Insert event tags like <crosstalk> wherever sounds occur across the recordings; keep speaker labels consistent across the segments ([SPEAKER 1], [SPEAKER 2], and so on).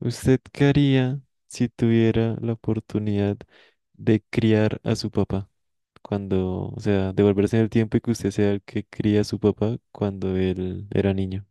[SPEAKER 1] ¿Usted qué haría si tuviera la oportunidad de criar a su papá cuando, devolverse en el tiempo y que usted sea el que cría a su papá cuando él era niño?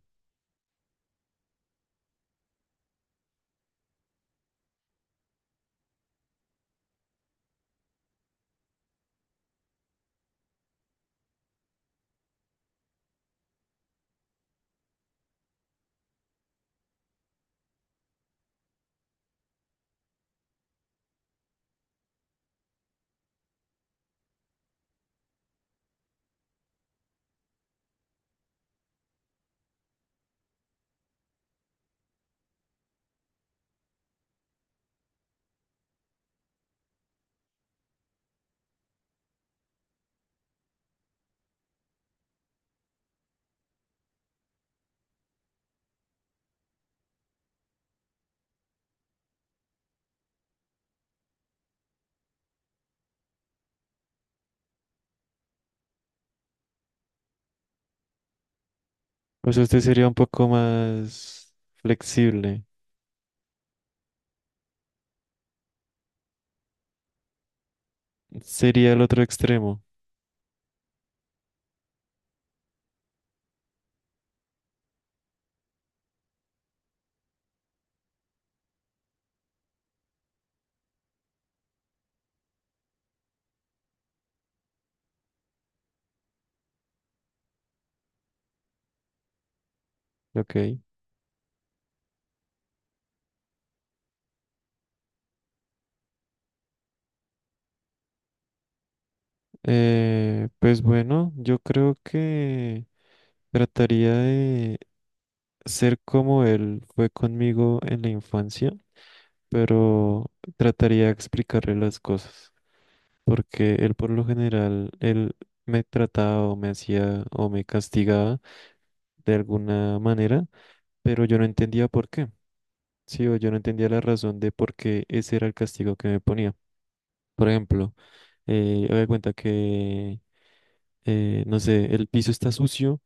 [SPEAKER 1] O sea, usted sería un poco más flexible. Sería el otro extremo, ¿ok? Pues bueno, yo creo que trataría de ser como él fue conmigo en la infancia, pero trataría de explicarle las cosas, porque él por lo general, él me trataba o me hacía o me castigaba de alguna manera, pero yo no entendía por qué. Sí, o yo no entendía la razón de por qué ese era el castigo que me ponía. Por ejemplo, me cuenta que, no sé, el piso está sucio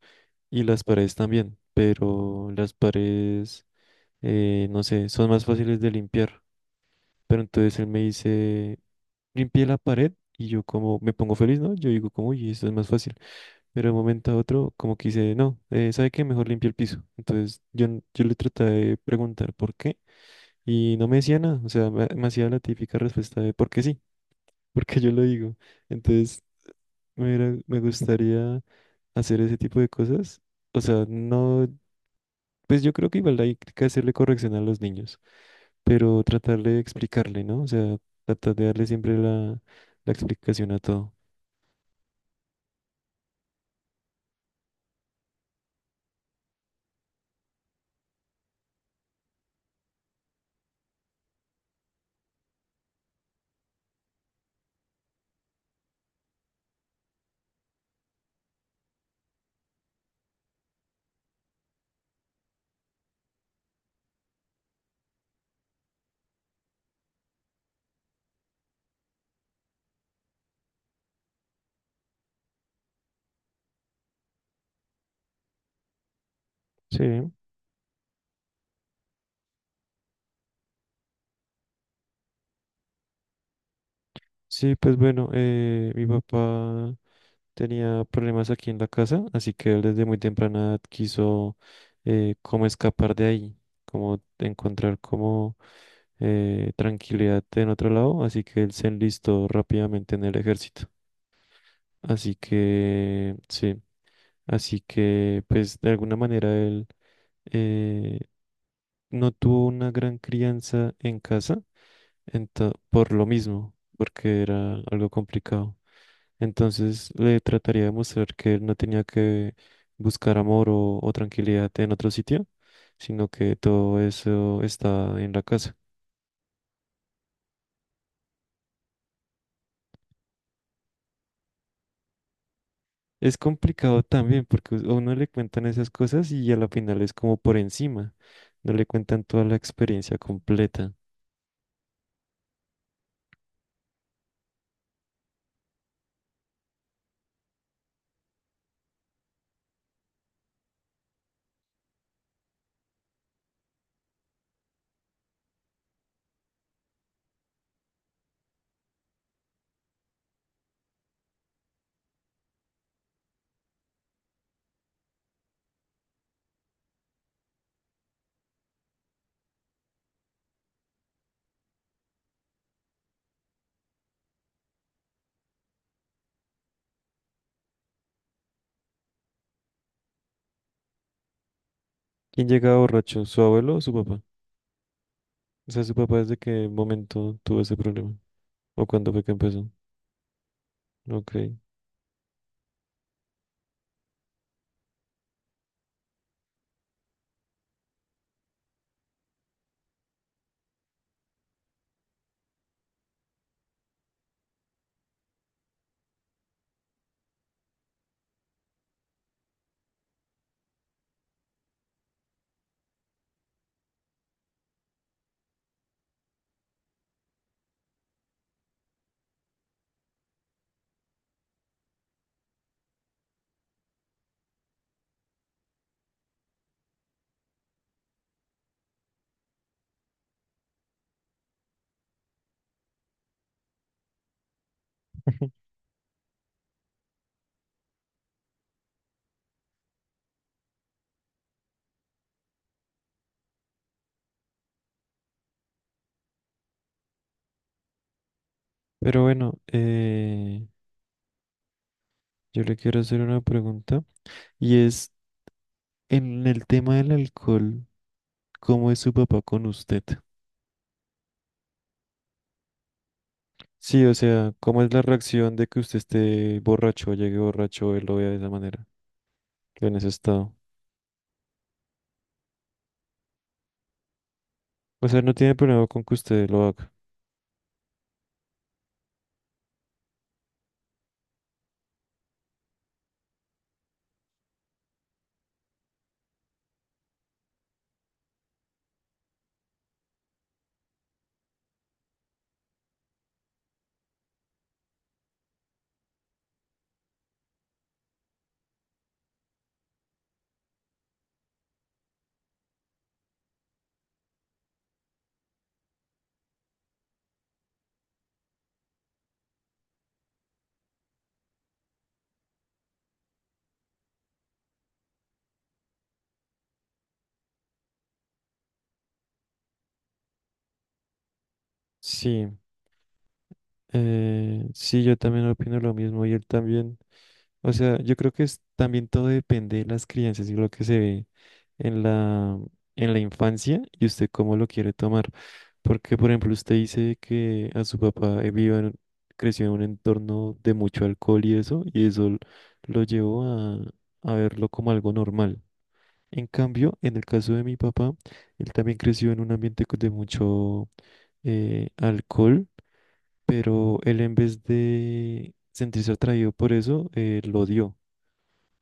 [SPEAKER 1] y las paredes también, pero las paredes, no sé, son más fáciles de limpiar. Pero entonces él me dice, limpié la pared y yo como me pongo feliz, ¿no? Yo digo como, uy, esto es más fácil. Pero de un momento a otro como que dice, no, ¿sabe qué? Mejor limpia el piso. Entonces yo, yo le traté de preguntar por qué y no me decía nada. O sea, me hacía la típica respuesta de porque sí, <laughs> porque yo lo digo. Entonces me gustaría hacer ese tipo de cosas. O sea, no, pues yo creo que igual hay que hacerle corrección a los niños, pero tratar de explicarle, ¿no? O sea, tratar de darle siempre la, la explicación a todo. Sí, sí, pues bueno, mi papá tenía problemas aquí en la casa, así que él desde muy temprana edad quiso como escapar de ahí, como encontrar como tranquilidad en otro lado, así que él se enlistó rápidamente en el ejército. Así que, sí, así que, pues de alguna manera él eh, no tuvo una gran crianza en casa, por lo mismo, porque era algo complicado. Entonces le trataría de mostrar que él no tenía que buscar amor o tranquilidad en otro sitio, sino que todo eso está en la casa. Es complicado también porque a uno le cuentan esas cosas y a la final es como por encima. No le cuentan toda la experiencia completa. ¿Quién llega borracho? ¿Su abuelo o su papá? O sea, ¿su papá desde qué momento tuvo ese problema? ¿O cuándo fue que empezó? Ok. <laughs> Pero bueno, yo le quiero hacer una pregunta y es en el tema del alcohol, ¿cómo es su papá con usted? Sí, o sea, ¿cómo es la reacción de que usted esté borracho o llegue borracho, él lo vea de esa manera, en ese estado? O sea, no tiene problema con que usted lo haga. Sí, sí, yo también opino lo mismo y él también. O sea, yo creo que es, también todo depende de las crianzas y lo que se ve en la, en la infancia y usted cómo lo quiere tomar. Porque, por ejemplo, usted dice que a su papá creció en un entorno de mucho alcohol y eso, y lo llevó a verlo como algo normal. En cambio, en el caso de mi papá, él también creció en un ambiente de mucho alcohol, pero él en vez de sentirse atraído por eso, lo odió,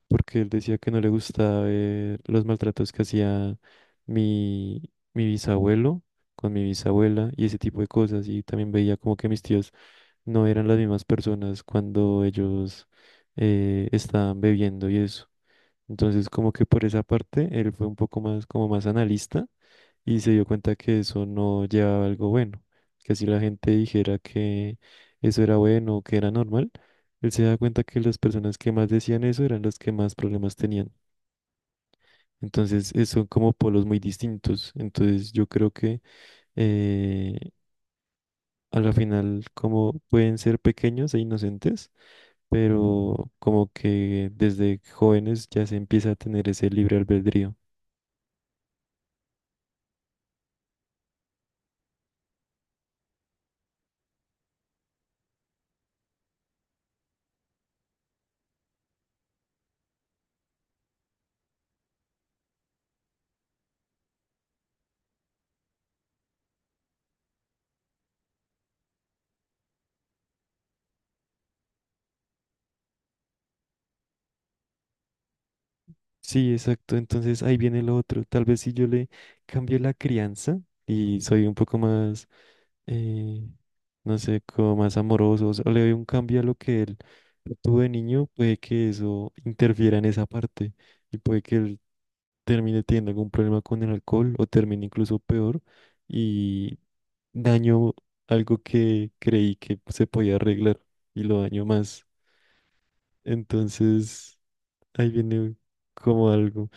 [SPEAKER 1] porque él decía que no le gustaba ver los maltratos que hacía mi, mi bisabuelo con mi bisabuela y ese tipo de cosas. Y también veía como que mis tíos no eran las mismas personas cuando ellos estaban bebiendo y eso. Entonces, como que por esa parte, él fue un poco más, como más analista y se dio cuenta que eso no llevaba a algo bueno. Que si la gente dijera que eso era bueno o que era normal, él se da cuenta que las personas que más decían eso eran las que más problemas tenían. Entonces, son como polos muy distintos. Entonces, yo creo que eh, a la final, como pueden ser pequeños e inocentes, pero como que desde jóvenes ya se empieza a tener ese libre albedrío. Sí, exacto. Entonces ahí viene lo otro. Tal vez si yo le cambio la crianza y soy un poco más, eh, no sé, como más amoroso, o sea, le doy un cambio a lo que él tuvo de niño, puede que eso interfiera en esa parte y puede que él termine teniendo algún problema con el alcohol o termine incluso peor y daño algo que creí que se podía arreglar y lo daño más. Entonces ahí viene como algo.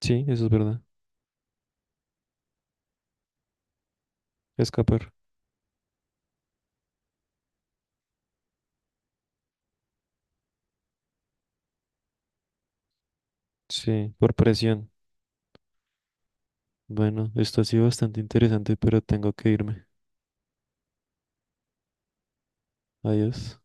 [SPEAKER 1] Sí, eso es verdad. Escapar. Sí, por presión. Bueno, esto ha sido bastante interesante, pero tengo que irme. Adiós.